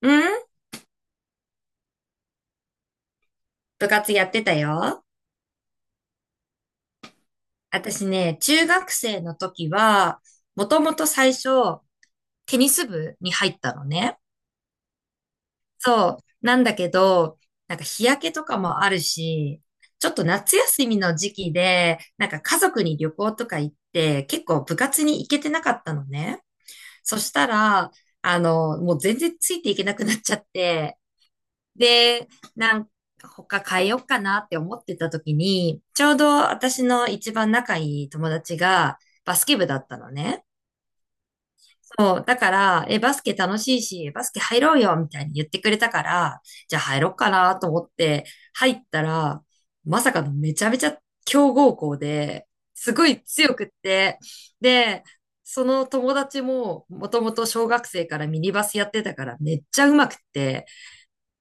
うん、部活やってたよ。私ね、中学生の時は、もともと最初、テニス部に入ったのね。そう。なんだけど、なんか日焼けとかもあるし、ちょっと夏休みの時期で、なんか家族に旅行とか行って、結構部活に行けてなかったのね。そしたら、もう全然ついていけなくなっちゃって、で、なん他変えようかなって思ってた時に、ちょうど私の一番仲いい友達がバスケ部だったのね。そう。だから、バスケ楽しいし、バスケ入ろうよみたいに言ってくれたから、じゃあ入ろうかなと思って入ったら、まさかのめちゃめちゃ強豪校で、すごい強くって、で、その友達ももともと小学生からミニバスやってたからめっちゃ上手くって、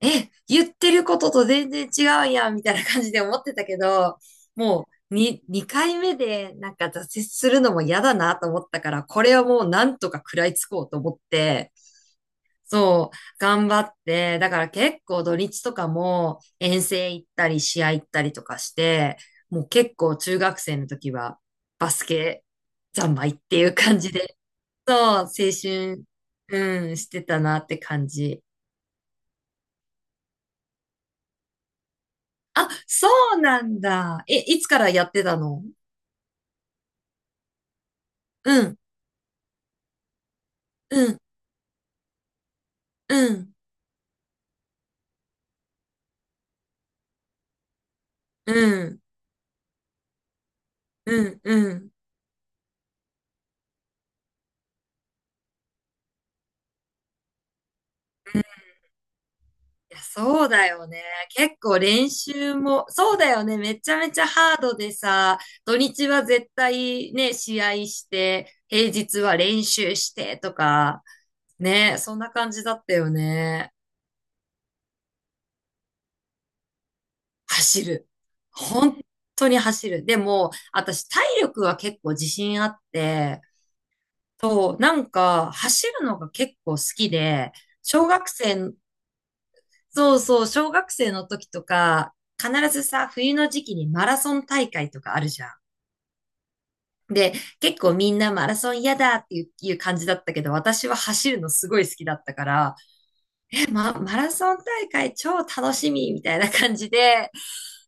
言ってることと全然違うやん、みたいな感じで思ってたけど、もう、2回目でなんか挫折するのも嫌だなと思ったから、これはもうなんとか食らいつこうと思って、そう、頑張って、だから結構土日とかも遠征行ったり試合行ったりとかして、もう結構中学生の時はバスケ三昧っていう感じで、そう、青春、うん、してたなって感じ。あ、そうなんだ。え、いつからやってたの？うん、うん、うん、うん、うん、うん。いや、そうだよね。結構練習も、そうだよね。めちゃめちゃハードでさ、土日は絶対ね、試合して、平日は練習してとか、ね、そんな感じだったよね。走る。本当に走る。でも、私体力は結構自信あって、そう、なんか、走るのが結構好きで、小学生、そうそう、小学生の時とか、必ずさ、冬の時期にマラソン大会とかあるじゃん。で、結構みんなマラソン嫌だっていう感じだったけど、私は走るのすごい好きだったから、マラソン大会超楽しみみたいな感じで、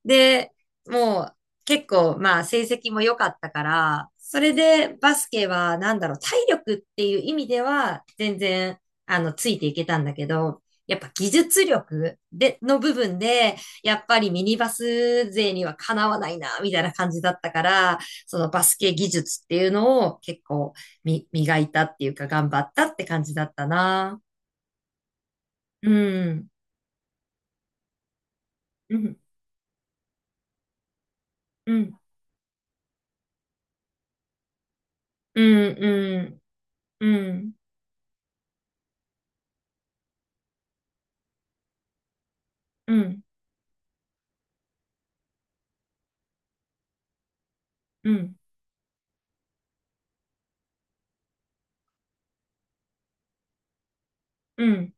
で、もう結構まあ成績も良かったから、それでバスケはなんだろう、体力っていう意味では全然ついていけたんだけど、やっぱ技術力の部分で、やっぱりミニバス勢にはかなわないな、みたいな感じだったから、そのバスケ技術っていうのを結構磨いたっていうか頑張ったって感じだったな。うん。うん。うん。うん。うん。うん。うん。うん。うん。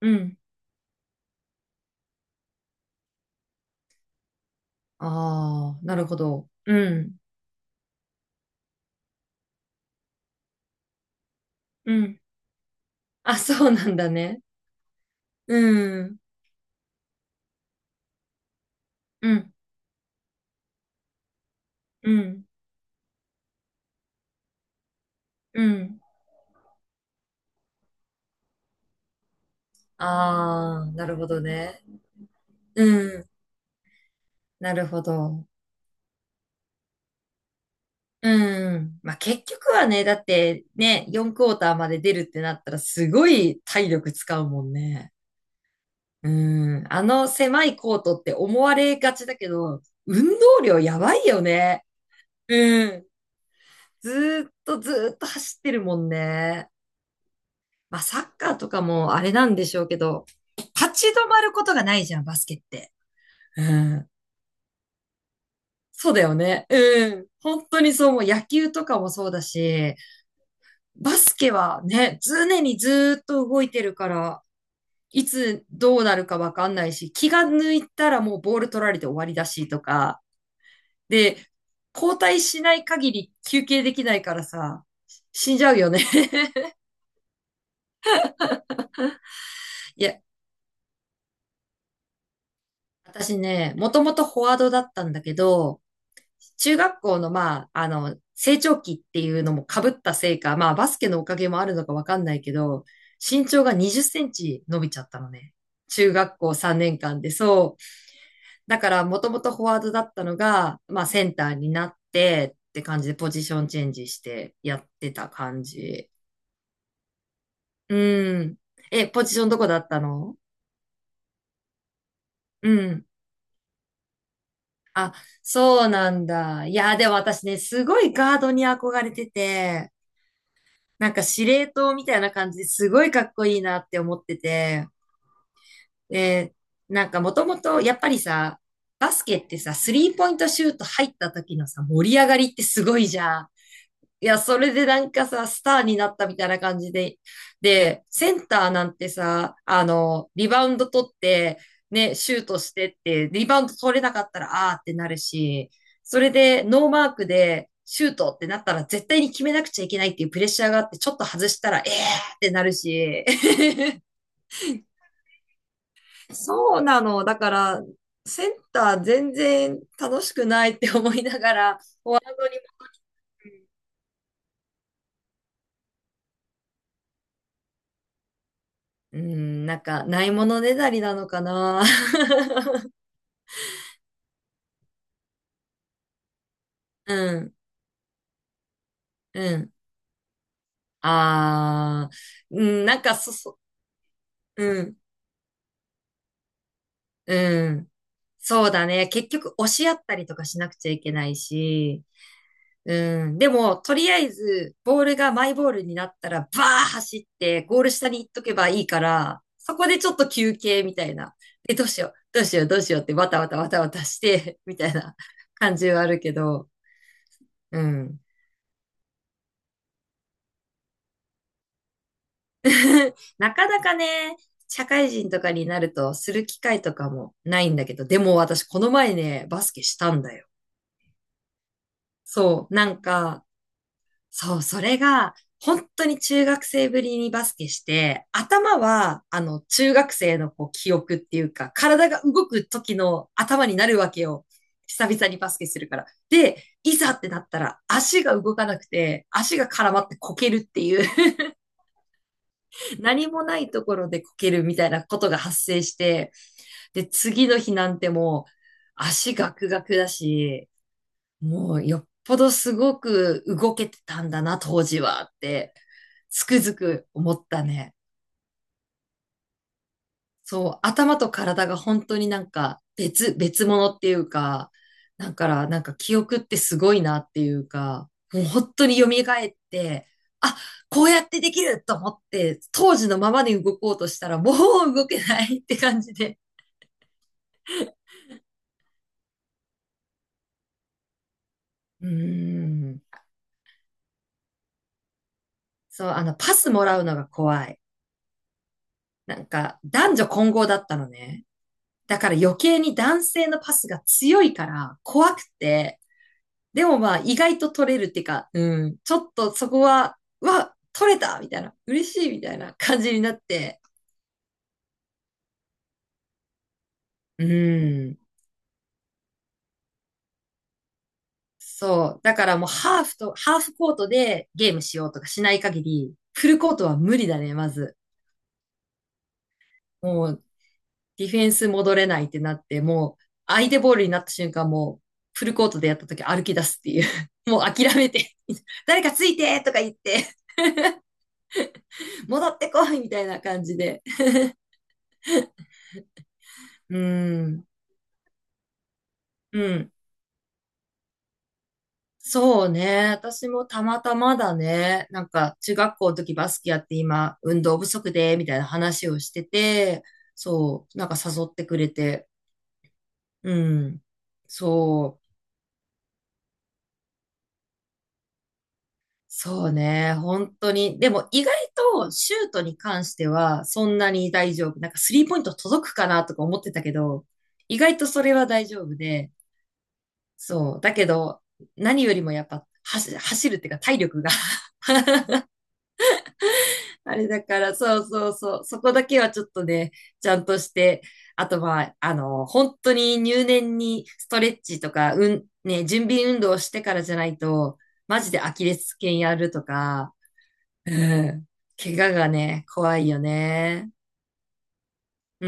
うん。ああ、なるほど。うん。うん。あ、そうなんだね。うん。うん。うん。うん。ああ、なるほどね。うん。なるほど。うん。まあ、結局はね、だってね、4クォーターまで出るってなったらすごい体力使うもんね。うん。あの狭いコートって思われがちだけど、運動量やばいよね。うん。ずーっとずーっと走ってるもんね。まあ、サッカーとかもあれなんでしょうけど、立ち止まることがないじゃん、バスケって。うん。そうだよね。うん。本当にそう、もう野球とかもそうだし、バスケはね、常にずーっと動いてるから、いつどうなるかわかんないし、気が抜いたらもうボール取られて終わりだしとか、で、交代しない限り休憩できないからさ、死んじゃうよね。 いや、私ね、もともとフォワードだったんだけど、中学校の、まあ、成長期っていうのも被ったせいか、まあ、バスケのおかげもあるのかわかんないけど、身長が20センチ伸びちゃったのね。中学校3年間で、そう。だから、もともとフォワードだったのが、まあ、センターになってって感じで、ポジションチェンジしてやってた感じ。うん。え、ポジションどこだったの？うん。あ、そうなんだ。いや、でも私ね、すごいガードに憧れてて、なんか司令塔みたいな感じですごいかっこいいなって思ってて、で、なんかもともとやっぱりさ、バスケってさ、スリーポイントシュート入った時のさ、盛り上がりってすごいじゃん。いや、それでなんかさ、スターになったみたいな感じで。で、センターなんてさ、リバウンド取って、ね、シュートしてって、リバウンド取れなかったら、あーってなるし、それでノーマークでシュートってなったら絶対に決めなくちゃいけないっていうプレッシャーがあって、ちょっと外したら、えーってなるし。そうなの。だから、センター全然楽しくないって思いながら、本当にうん、なんか、ないものねだりなのかな。うん、うん。あー、うん、なんかうん、うん。そうだね。結局、押し合ったりとかしなくちゃいけないし、うん。でも、とりあえず、ボールがマイボールになったら、バー走って、ゴール下に行っとけばいいから、そこでちょっと休憩みたいな。で、どうしよう、どうしよう、どうしようって、わたわたわたわたして、みたいな感じはあるけど、うん。なかなかね、社会人とかになるとする機会とかもないんだけど、でも私この前ね、バスケしたんだよ。そう、なんか、そう、それが、本当に中学生ぶりにバスケして、頭は、中学生のこう記憶っていうか、体が動く時の頭になるわけよ。久々にバスケするから。で、いざってなったら、足が動かなくて、足が絡まってこけるっていう何もないところでこけるみたいなことが発生して、で、次の日なんてもう足ガクガクだし、もうよっぽどすごく動けてたんだな、当時はって、つくづく思ったね。そう、頭と体が本当になんか別物っていうか、だからなんか記憶ってすごいなっていうか、もう本当に蘇って、あ、こうやってできると思って、当時のままで動こうとしたらもう動けないって感じで。うーん。そう、パスもらうのが怖い。なんか、男女混合だったのね。だから余計に男性のパスが強いから怖くて、でもまあ、意外と取れるっていうか、うん、ちょっとそこは、うわ、取れたみたいな、嬉しいみたいな感じになって、うん。そう。だからもうハーフコートでゲームしようとかしない限り、フルコートは無理だね、まず。もう、ディフェンス戻れないってなって、もう、相手ボールになった瞬間、もう、フルコートでやった時歩き出すっていう。もう諦めて 誰かついてとか言って戻ってこいみたいな感じで。うん。うん。そうね。私もたまたまだね。なんか、中学校の時バスケやって今、運動不足で、みたいな話をしてて、そう、なんか誘ってくれて。うん。そう、そうね。本当に。でも、意外とシュートに関しては、そんなに大丈夫。なんか、スリーポイント届くかなとか思ってたけど、意外とそれは大丈夫で、そう。だけど、何よりもやっぱ、走るっていうか、体力があれだから、そうそうそう。そこだけはちょっとね、ちゃんとして、あとまあ、本当に入念にストレッチとか、うん、ね、準備運動をしてからじゃないと、マジでアキレス腱やるとか、うん、怪我がね、怖いよね。